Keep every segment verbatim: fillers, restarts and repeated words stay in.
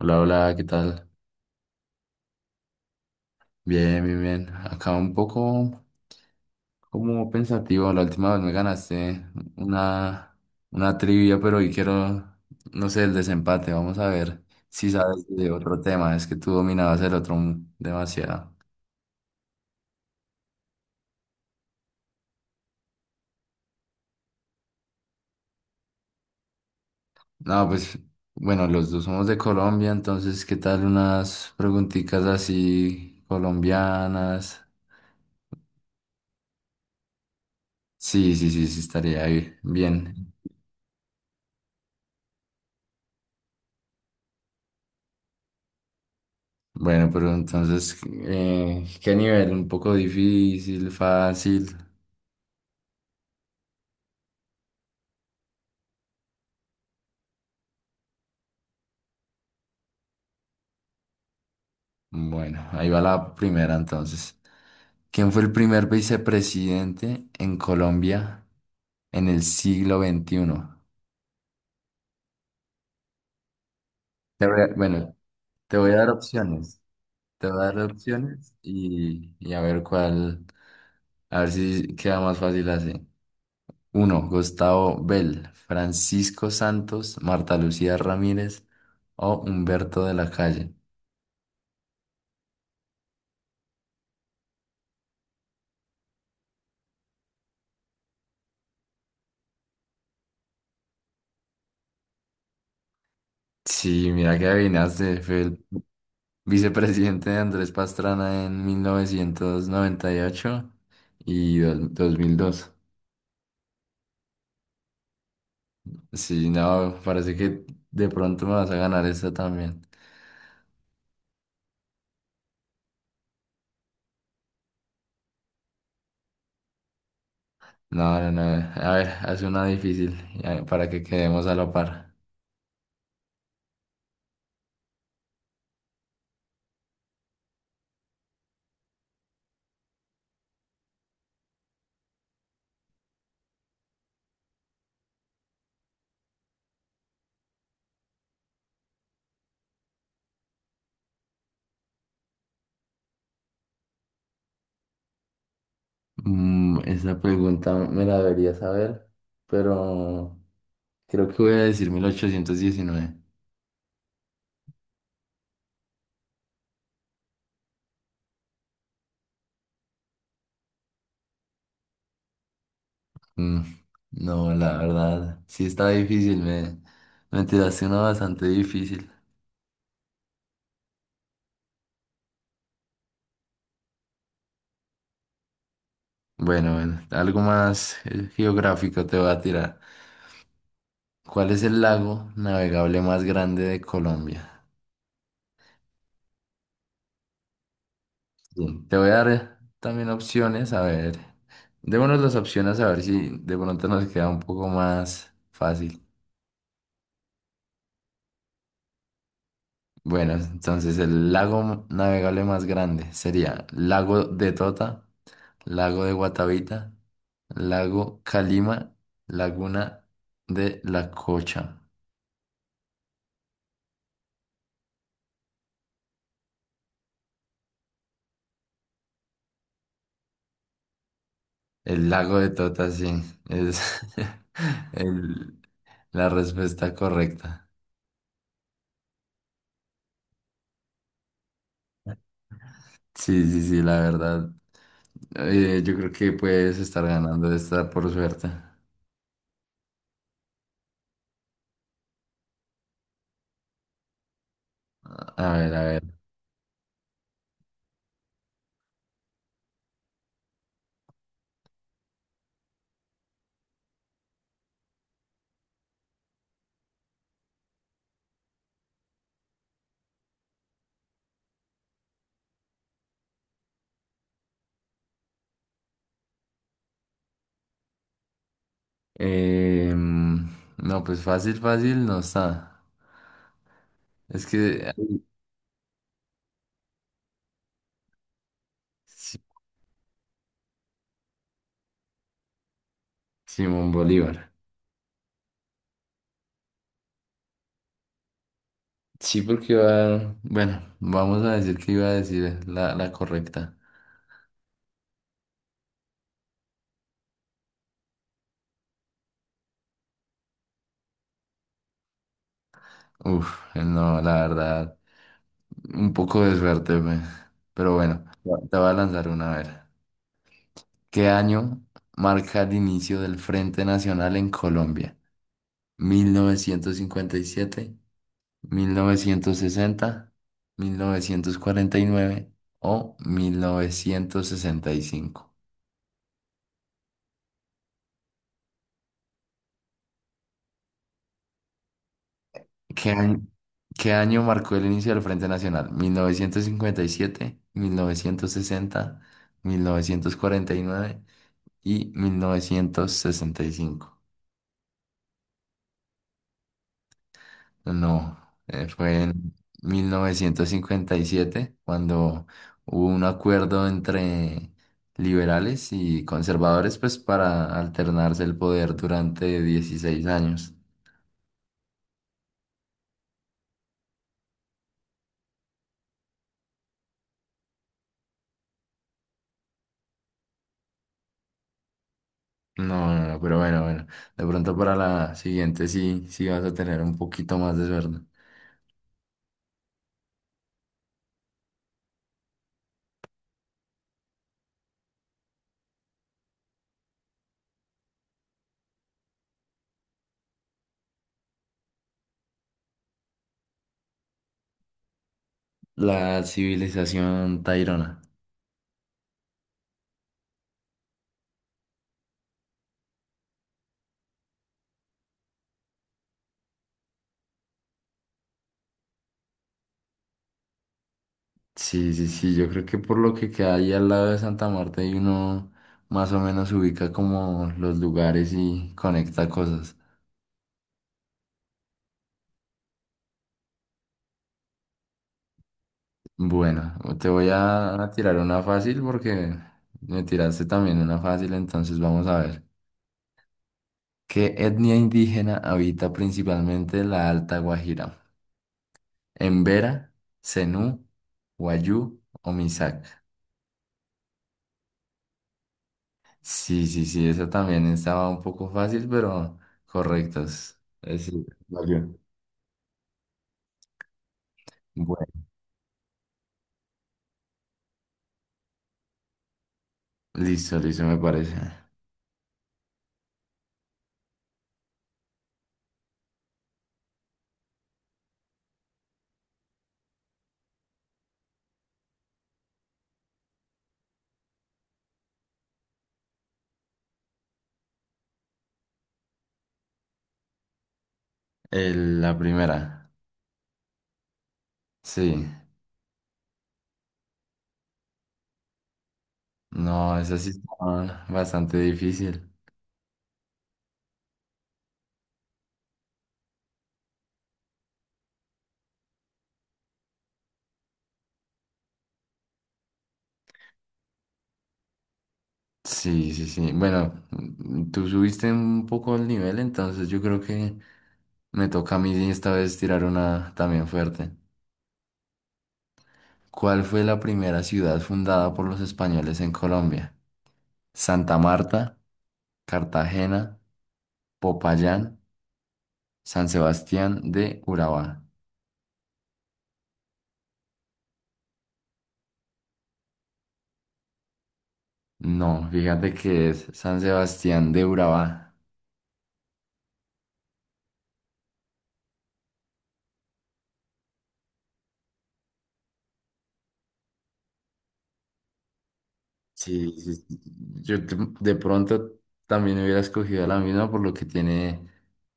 Hola, hola, ¿qué tal? Bien, bien, bien. Acá un poco como pensativo. La última vez me ganaste una, una trivia, pero hoy quiero, no sé, el desempate. Vamos a ver si sabes de otro tema. Es que tú dominabas el otro demasiado. No, pues bueno, los dos somos de Colombia, entonces, ¿qué tal unas preguntitas así colombianas? Sí, sí, sí, sí, estaría bien. Bueno, pero entonces, eh, ¿qué nivel? ¿Un poco difícil, fácil? Bueno, ahí va la primera entonces. ¿Quién fue el primer vicepresidente en Colombia en el siglo veintiuno? Te voy a- bueno, te voy a dar opciones. Te voy a dar opciones y, y a ver cuál, a ver si queda más fácil así. Uno, Gustavo Bell, Francisco Santos, Marta Lucía Ramírez o Humberto de la Calle. Sí, mira que adivinaste, fue el vicepresidente de Andrés Pastrana en mil novecientos noventa y ocho y dol- dos mil dos. Sí, no, parece que de pronto me vas a ganar esta también. No, no, no. A ver, hace una difícil eh, para que quedemos a la par. Mm, esa pregunta me la debería saber, pero creo que voy a decir mil ochocientos diecinueve. Mm, No, la verdad, sí está difícil, me, me tiraste una bastante difícil. Bueno, bueno, algo más eh, geográfico te voy a tirar. ¿Cuál es el lago navegable más grande de Colombia? Sí, te voy a dar también opciones, a ver. Démonos las opciones a ver si de pronto nos queda un poco más fácil. Bueno, entonces el lago navegable más grande sería Lago de Tota, Lago de Guatavita, Lago Calima, Laguna de La Cocha. El lago de Tota, sí, es el- la respuesta correcta. Sí, sí, sí, la verdad. Eh, yo creo que puedes estar ganando esta por suerte. A ver, a ver. Em, no, pues fácil, fácil no está. Es que ay, Si- Simón Bolívar. Sí, porque iba, bueno, vamos a decir que iba a decir la, la correcta. Uf, no, la verdad, un poco de suerte, pues. Pero bueno, te voy a lanzar una a ver. ¿Qué año marca el inicio del Frente Nacional en Colombia? ¿mil novecientos cincuenta y siete, mil novecientos sesenta, mil novecientos cuarenta y nueve o mil novecientos sesenta y cinco? ¿Qué año, qué año marcó el inicio del Frente Nacional? ¿mil novecientos cincuenta y siete, mil novecientos sesenta, mil novecientos cuarenta y nueve y mil novecientos sesenta y cinco? No, eh, fue en mil novecientos cincuenta y siete cuando hubo un acuerdo entre liberales y conservadores pues para alternarse el poder durante dieciséis años. No, no, no, pero bueno, bueno. De pronto para la siguiente sí, sí vas a tener un poquito más de suerte. La civilización Tairona. Sí, sí, sí. Yo creo que por lo que queda ahí al lado de Santa Marta y uno más o menos ubica como los lugares y conecta cosas. Bueno, te voy a a tirar una fácil porque me tiraste también una fácil, entonces vamos a ver. ¿Qué etnia indígena habita principalmente la Alta Guajira? Embera, Zenú, Wayuu o Misak. Sí, sí, sí, esa también estaba un poco fácil, pero correctos. Es decir, valió. Bueno, listo, listo, me parece. El- la primera, sí. No, esa sí estaba bastante difícil. Sí, sí, sí. Bueno, mm, tú subiste un poco el nivel, entonces yo creo que me toca a mí sí esta vez tirar una también fuerte. ¿Cuál fue la primera ciudad fundada por los españoles en Colombia? Santa Marta, Cartagena, Popayán, San Sebastián de Urabá. No, fíjate que es San Sebastián de Urabá. Sí, sí, sí. Yo t- de pronto también hubiera escogido la misma por lo que tiene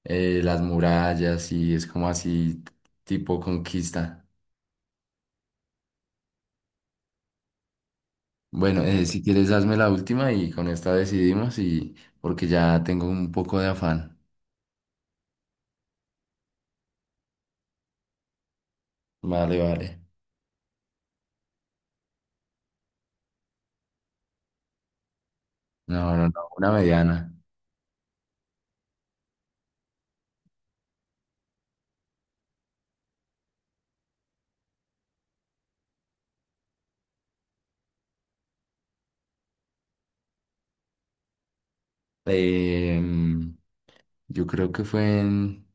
eh, las murallas y es como así tipo conquista. Bueno, eh, si quieres hazme la última y con esta decidimos y porque ya tengo un poco de afán. Vale, vale. No, no, no, una mediana. Em, yo creo que fue en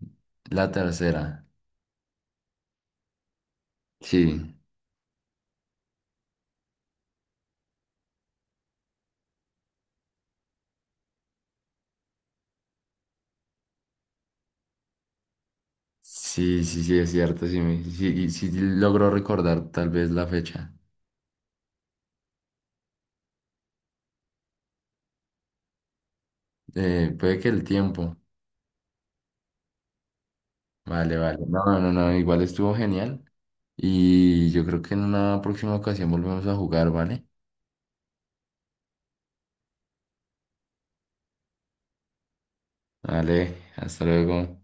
la tercera. Sí, sí, sí, sí, es cierto. Sí, me- sí, sí logro recordar tal vez la fecha. Eh, puede que el tiempo. Vale, vale. No, no, no, igual estuvo genial. Y yo creo que en una próxima ocasión volvemos a jugar, ¿vale? Vale, hasta luego.